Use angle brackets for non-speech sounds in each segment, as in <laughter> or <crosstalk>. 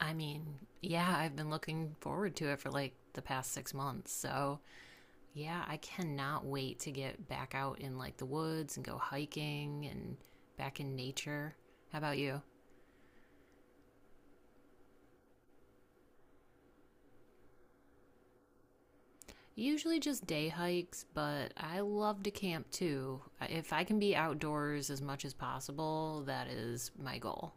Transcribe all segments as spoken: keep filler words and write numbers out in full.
I mean, yeah, I've been looking forward to it for like the past six months. So, yeah, I cannot wait to get back out in like the woods and go hiking and back in nature. How about you? Usually just day hikes, but I love to camp too. If I can be outdoors as much as possible, that is my goal.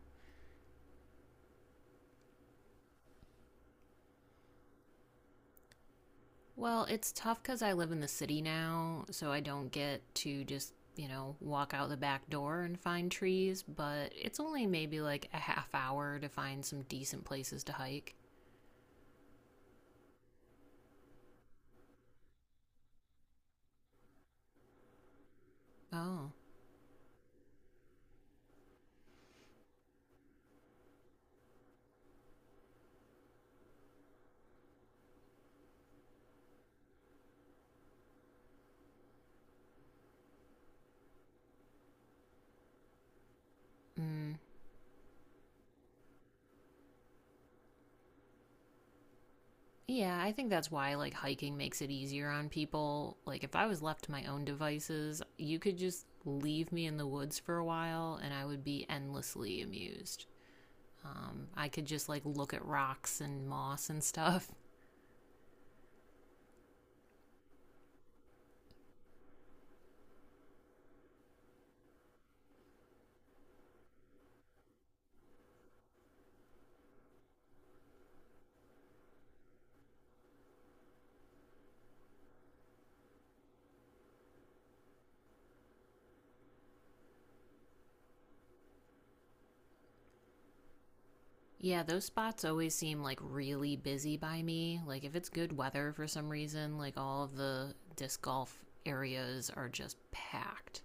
Well, it's tough because I live in the city now, so I don't get to just, you know, walk out the back door and find trees, but it's only maybe like a half hour to find some decent places to hike. Oh. Mm. Yeah, I think that's why like hiking makes it easier on people. Like if I was left to my own devices, you could just leave me in the woods for a while and I would be endlessly amused. Um, I could just like look at rocks and moss and stuff. Yeah, those spots always seem like really busy by me. Like if it's good weather for some reason, like all of the disc golf areas are just packed.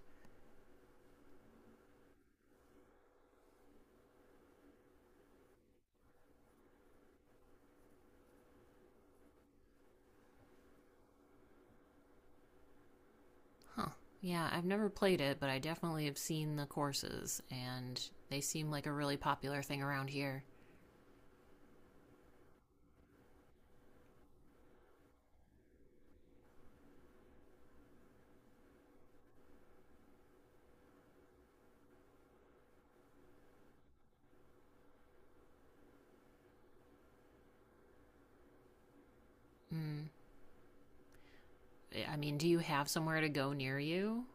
Huh. Yeah, I've never played it, but I definitely have seen the courses and they seem like a really popular thing around here. Mm. I mean, do you have somewhere to go near you?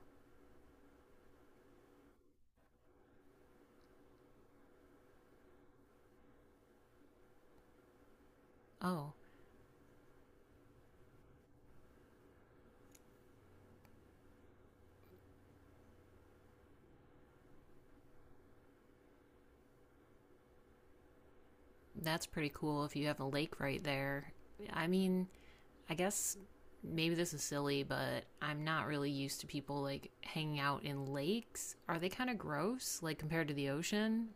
Oh, that's pretty cool if you have a lake right there. I mean, I guess maybe this is silly, but I'm not really used to people like hanging out in lakes. Are they kind of gross, like compared to the ocean?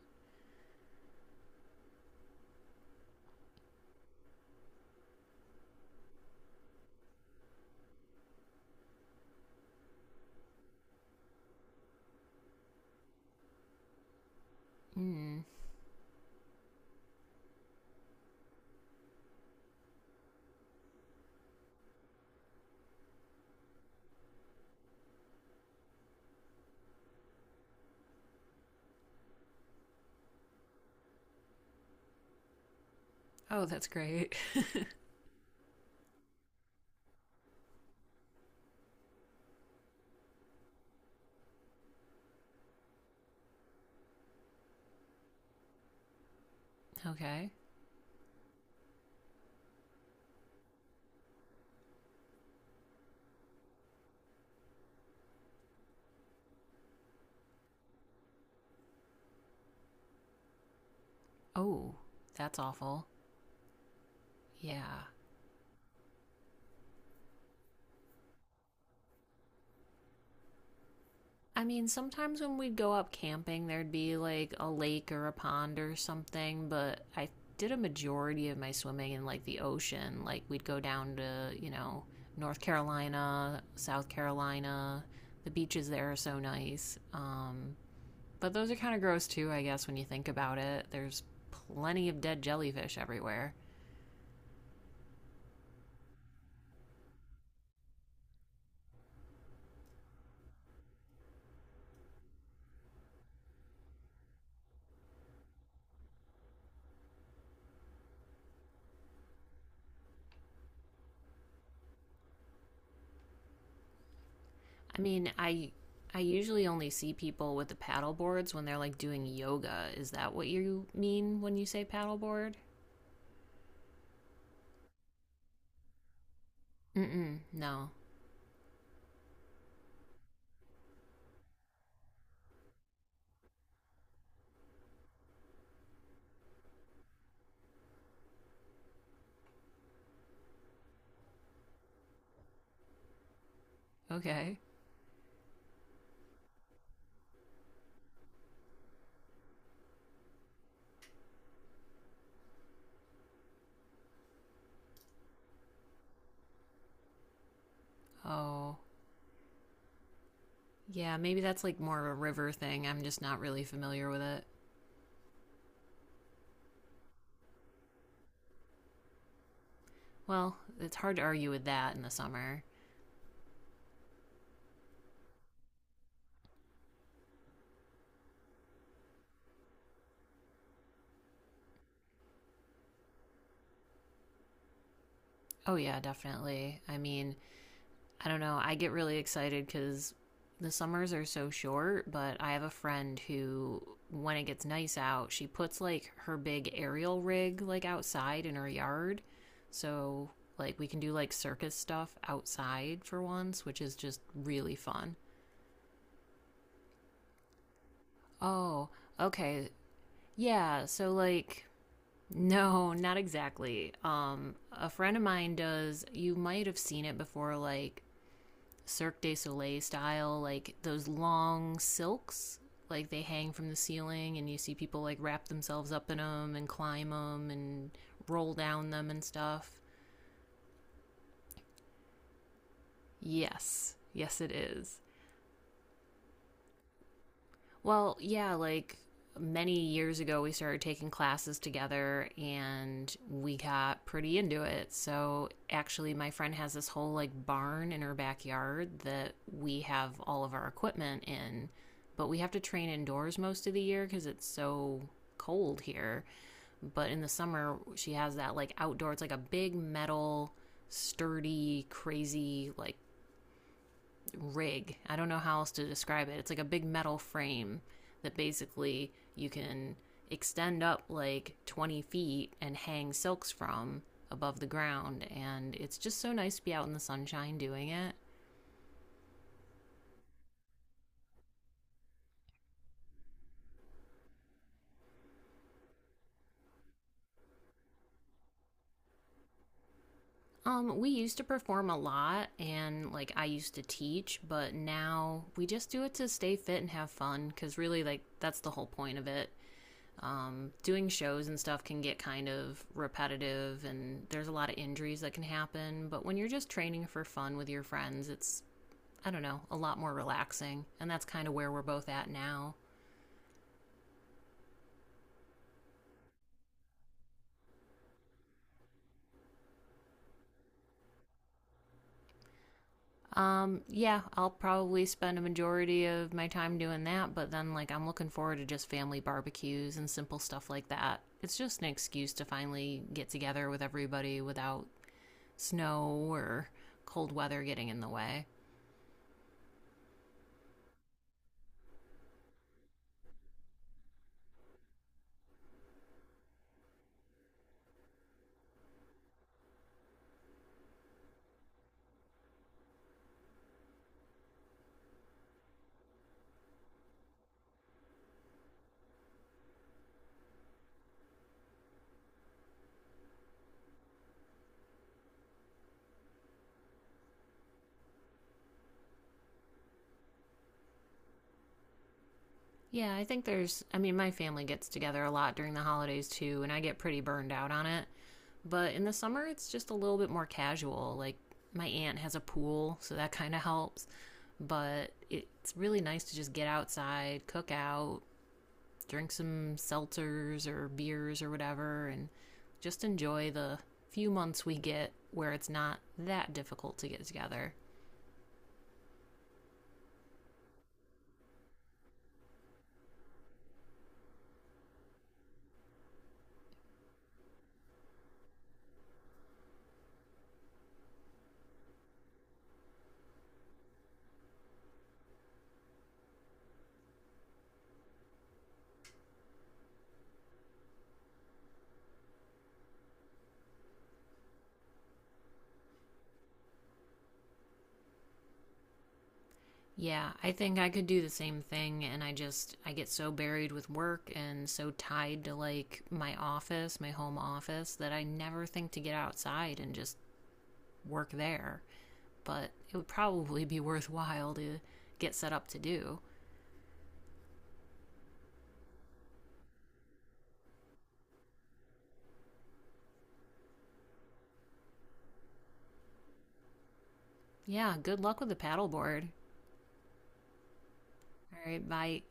Hmm. Oh, that's great. <laughs> Okay. Oh, that's awful. Yeah. I mean, sometimes when we'd go up camping, there'd be like a lake or a pond or something, but I did a majority of my swimming in like the ocean. Like, we'd go down to, you know, North Carolina, South Carolina. The beaches there are so nice. Um, but those are kind of gross too, I guess, when you think about it. There's plenty of dead jellyfish everywhere. I mean, I I usually only see people with the paddle boards when they're like doing yoga. Is that what you mean when you say paddleboard? Mm-mm, no. Okay. Oh. Yeah, maybe that's like more of a river thing. I'm just not really familiar with it. Well, it's hard to argue with that in the summer. Oh, yeah, definitely. I mean, I don't know. I get really excited because the summers are so short, but I have a friend who, when it gets nice out, she puts like her big aerial rig like outside in her yard. So, like, we can do like circus stuff outside for once, which is just really fun. Oh, okay. Yeah, so like <laughs> no, not exactly. Um a friend of mine does, you might have seen it before, like Cirque du Soleil style, like those long silks, like they hang from the ceiling and you see people like wrap themselves up in them and climb them and roll down them and stuff. Yes. Yes it is. Well, yeah, like many years ago, we started taking classes together and we got pretty into it. So, actually, my friend has this whole like barn in her backyard that we have all of our equipment in, but we have to train indoors most of the year because it's so cold here. But in the summer, she has that like outdoor, it's like a big metal, sturdy, crazy, like rig. I don't know how else to describe it. It's like a big metal frame that basically you can extend up like twenty feet and hang silks from above the ground. And it's just so nice to be out in the sunshine doing it. Um, we used to perform a lot and like I used to teach, but now we just do it to stay fit and have fun because really, like, that's the whole point of it. Um, doing shows and stuff can get kind of repetitive and there's a lot of injuries that can happen. But when you're just training for fun with your friends, it's, I don't know, a lot more relaxing. And that's kind of where we're both at now. Um, yeah, I'll probably spend a majority of my time doing that. But then, like, I'm looking forward to just family barbecues and simple stuff like that. It's just an excuse to finally get together with everybody without snow or cold weather getting in the way. Yeah, I think there's, I mean, my family gets together a lot during the holidays too, and I get pretty burned out on it. But in the summer, it's just a little bit more casual. Like, my aunt has a pool, so that kind of helps. But it's really nice to just get outside, cook out, drink some seltzers or beers or whatever, and just enjoy the few months we get where it's not that difficult to get together. Yeah, I think I could do the same thing and I just I get so buried with work and so tied to like my office, my home office that I never think to get outside and just work there. But it would probably be <laughs> worthwhile to get set up to do. Yeah, good luck with the paddleboard. All right, bye.